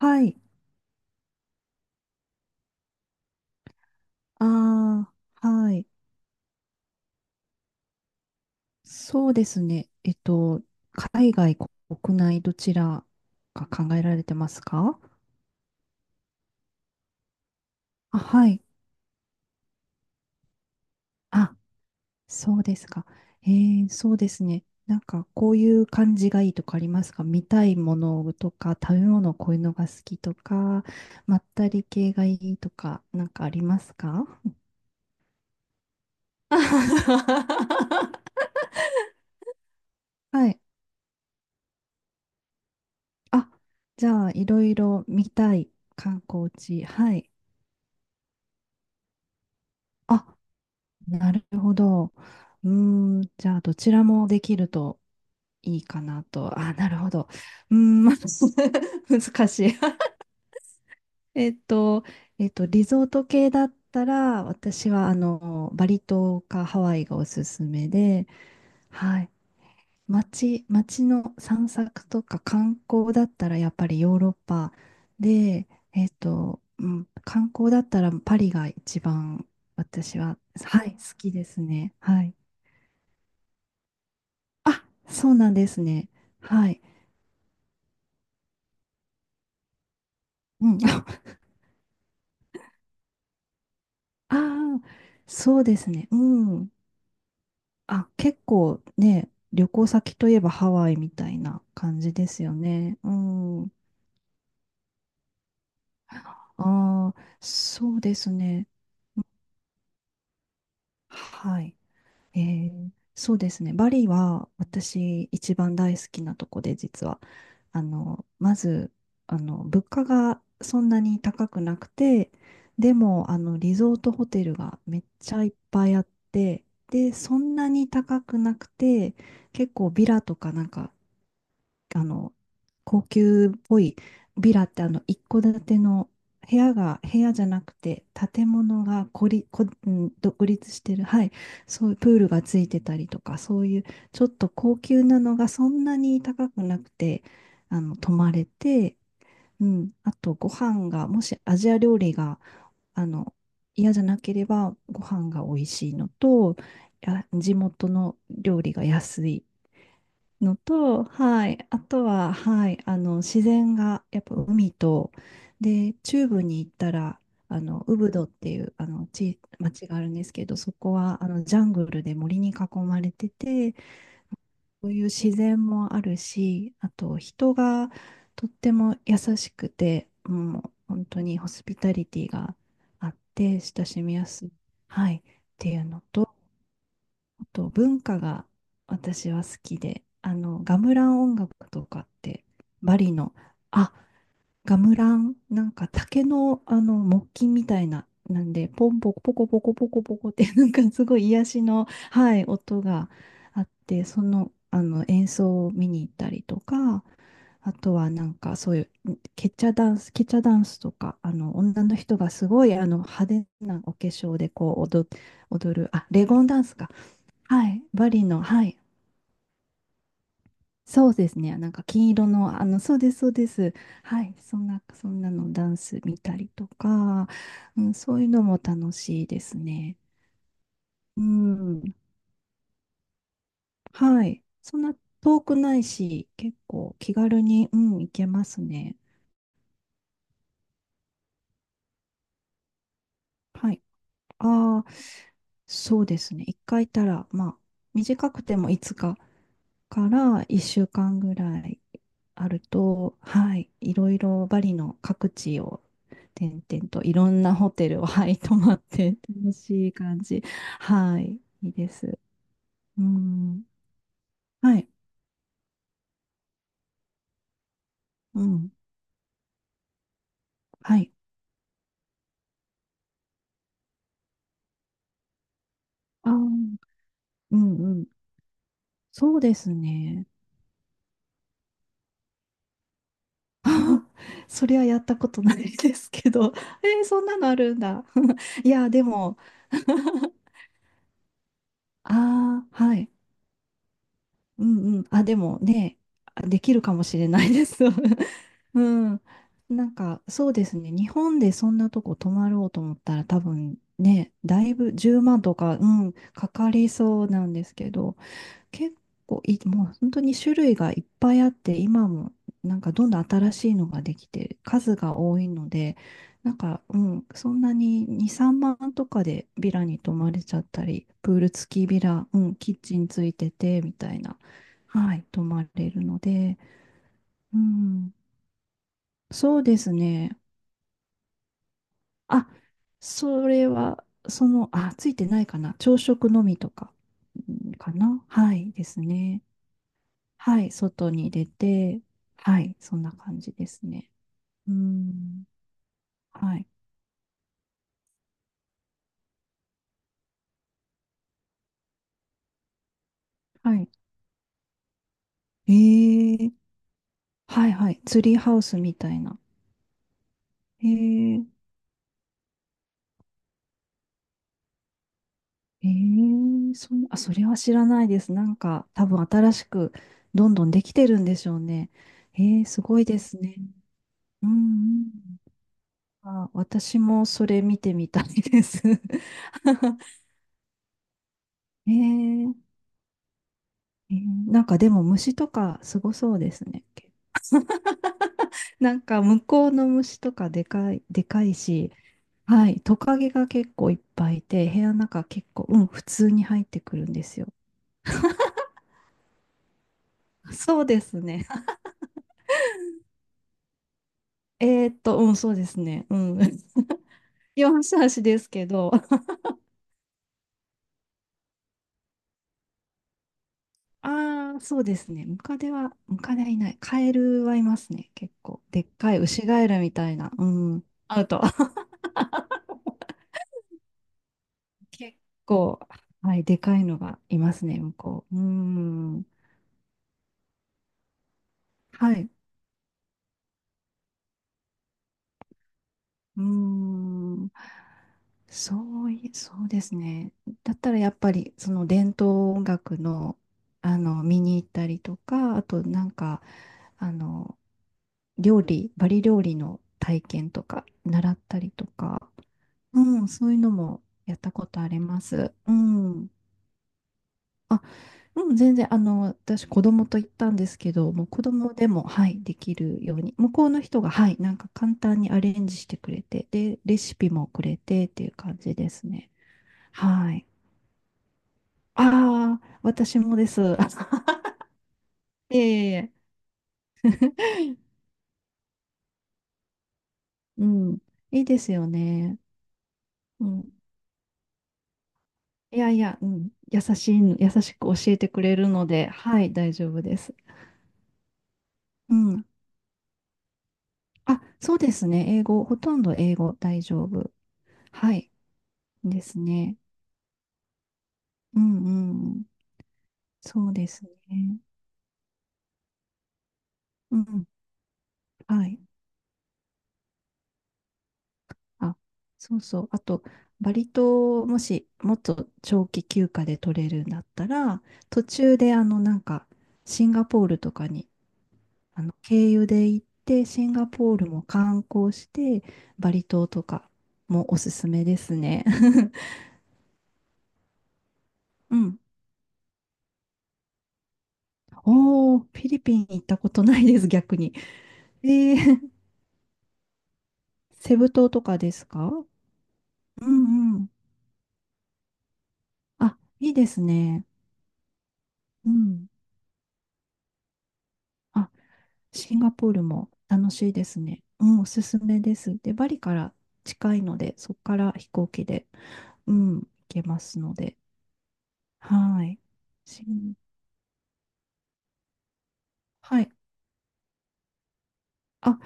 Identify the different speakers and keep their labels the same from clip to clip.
Speaker 1: はい。ああ、はい。そうですね。海外、国内、どちらが考えられてますか？あ、はい。あ、そうですか。そうですね。なんか、こういう感じがいいとかありますか？見たいものとか、食べ物、こういうのが好きとか、まったり系がいいとか、なんかありますか？ はい。あ、じゃあ、いろいろ見たい観光地。はい。あ、なるほど。うーん、じゃあ、どちらもできるといいかなと。あ、なるほど。うーん、まあ 難しい。えっと、リゾート系だったら、私は、バリ島かハワイがおすすめで、はい。街の散策とか観光だったら、やっぱりヨーロッパで、うん、観光だったらパリが一番私は、はい、好きですね。はい。あ、そうなんですね。はい。うん。ああ、そうですね。うん。あ、結構ね、旅行先といえばハワイみたいな感じですよね。うん。ああ、そうですね。はい。そうですね。バリは私一番大好きなとこで実は、まず、物価がそんなに高くなくて、でも、リゾートホテルがめっちゃいっぱいあって、で、そんなに高くなくて、結構ビラとかなんかあの、高級っぽいビラって一戸建ての部屋じゃなくて、建物がこり、こ、うん、独立してる、はい、そういうプールがついてたりとか、そういうちょっと高級なのがそんなに高くなくて、泊まれて、うん、あとご飯が、もしアジア料理が、あの、嫌じゃなければご飯が美味しいのと、や地元の料理が安いのと、はい、あとは、はい、あの自然がやっぱ海と、で、中部に行ったら、あのウブドっていうあの地町があるんですけど、そこはあのジャングルで森に囲まれてて、そういう自然もあるし、あと人がとっても優しくて、もう本当にホスピタリティがあって親しみやすい、はい、っていうのと、あと文化が私は好きで、ガムラン音楽とかって、バリの、あ、ガムラン、なんか竹の、木琴みたいな、なんで、ポンポコポコポコポコポコって、なんかすごい癒しの、はい、音があって、その、演奏を見に行ったりとか、あとはなんかそういうケチャダンスとか、女の人がすごい、派手なお化粧でこう踊る、あ、レゴンダンスか。はい。バリの、はい。そうですね。なんか金色の、そうです、そうです。はい。そんなのダンス見たりとか、うん、そういうのも楽しいですね。うん。はい。そんな遠くないし、結構気軽に、うん、行けますね。はい。ああ、そうですね。一回行ったら、まあ、短くてもいつかから1週間ぐらいあると、はい、いろいろバリの各地を転々といろんなホテルを、はい、泊まって楽しい感じ。はい、いいです。うん、はい、うん、はい。ああ、うんうん。そうですね。それはやったことないですけど、えーそんなのあるんだ。いや、でも、ああ、はい。うんうん。あ、でもね、あできるかもしれないです。うん。なんか、そうですね。日本でそんなとこ泊まろうと思ったら多分ね、だいぶ10万とか、うん、かかりそうなんですけど、結構いい、もう本当に種類がいっぱいあって、今もなんかどんどん新しいのができて、数が多いので、なんか、うん、そんなに2、3万とかでビラに泊まれちゃったり、プール付きビラ、うん、キッチンついてて、みたいな、はい、泊まれるので、うん、そうですね。あ、それは、その、あ、ついてないかな。朝食のみとか、うんかな。はい、ですね。はい、外に出て、はい、そんな感じですね。うん、はい、はい。ええ、はい、はい、ツリーハウスみたいな。ええええあ、それは知らないです。なんか、多分新しくどんどんできてるんでしょうね。ええ、すごいですね。うん、うん。あ、私もそれ見てみたいです。ええええ、なんかでも虫とかすごそうですね。なんか向こうの虫とかでかい、でかいし、はい、トカゲが結構いっぱいいて、部屋の中結構、うん、普通に入ってくるんですよ。そうですね。うん、そうですね。うん。四足ですけど、ああ、そうですね。ムカデはいない。カエルはいますね、結構。でっかいウシガエルみたいな、うん、アウト。結構、はい、でかいのがいますね、向こう。うん。はい。うーん。そうい、そうですね。だったらやっぱりその伝統音楽の、あの見に行ったりとか、あとなんかあの料理、バリ料理の体験とか習ったりとか、うん、そういうのもやったことあります。うん。あ、うん、全然、私、子供と行ったんですけど、もう子供でも、はい、できるように、向こうの人が、はい、なんか簡単にアレンジしてくれて、で、レシピもくれてっていう感じですね。はい。ああ、私もです。いえいえいえ。うん、いいですよね。うん、いやいや、うん、優しく教えてくれるので、はい、大丈夫です。うん。あ、そうですね。英語、ほとんど英語大丈夫。はい、ですね。うんうん。そうですね。うん。はい。あ、そうそう。あと、バリ島をもし、もっと長期休暇で取れるんだったら、途中で、なんか、シンガポールとかに、経由で行って、シンガポールも観光して、バリ島とかもおすすめですね。うん。おー、フィリピン行ったことないです、逆に。えー、セブ島とかですか？うんうん。あ、いいですね。うん。あ、シンガポールも楽しいですね。うん、おすすめです。で、バリから近いので、そこから飛行機で、うん、行けますので。はい。シンはい。あ、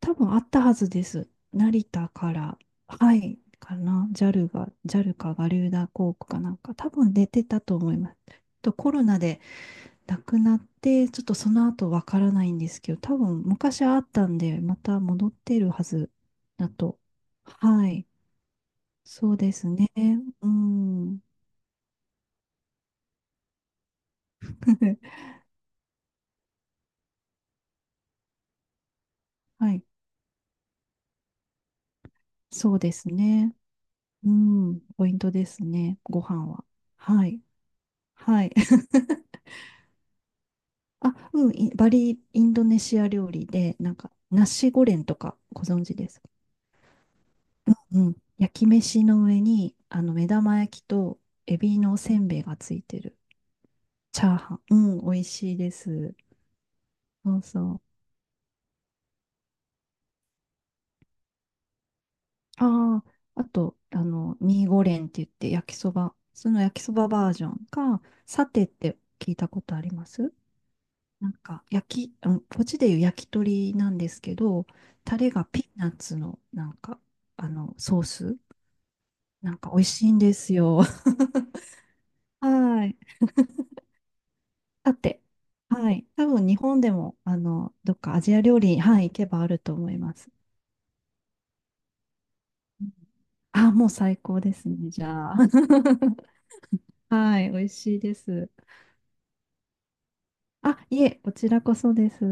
Speaker 1: 多分あったはずです。成田から、はい、かな。ジャルかガリューダ航空かなんか、多分出てたと思います。とコロナでなくなって、ちょっとその後わからないんですけど、多分昔あったんで、また戻ってるはずだと。はい。そうですね。うん。はい。そうですね。うん。ポイントですね。ご飯は。はい。はい。あ、うん。バリ、インドネシア料理で、なんか、ナシゴレンとかご存知ですか？うん。焼き飯の上に、目玉焼きとエビのおせんべいがついてる。チャーハン。うん。美味しいです。そうそう。ああ、あと、ミーゴレンって言って焼きそば、その焼きそばバージョンか、サテって聞いたことありますなんか、あのこっちでいう焼き鳥なんですけど、タレがピーナッツの、なんか、ソースなんか美味しいんですよ。はい。サテ。はい。多分日本でも、どっかアジア料理に、はい、行けばあると思います。あ、もう最高ですね、じゃあ。はい、美味しいです。あ、いえ、こちらこそです。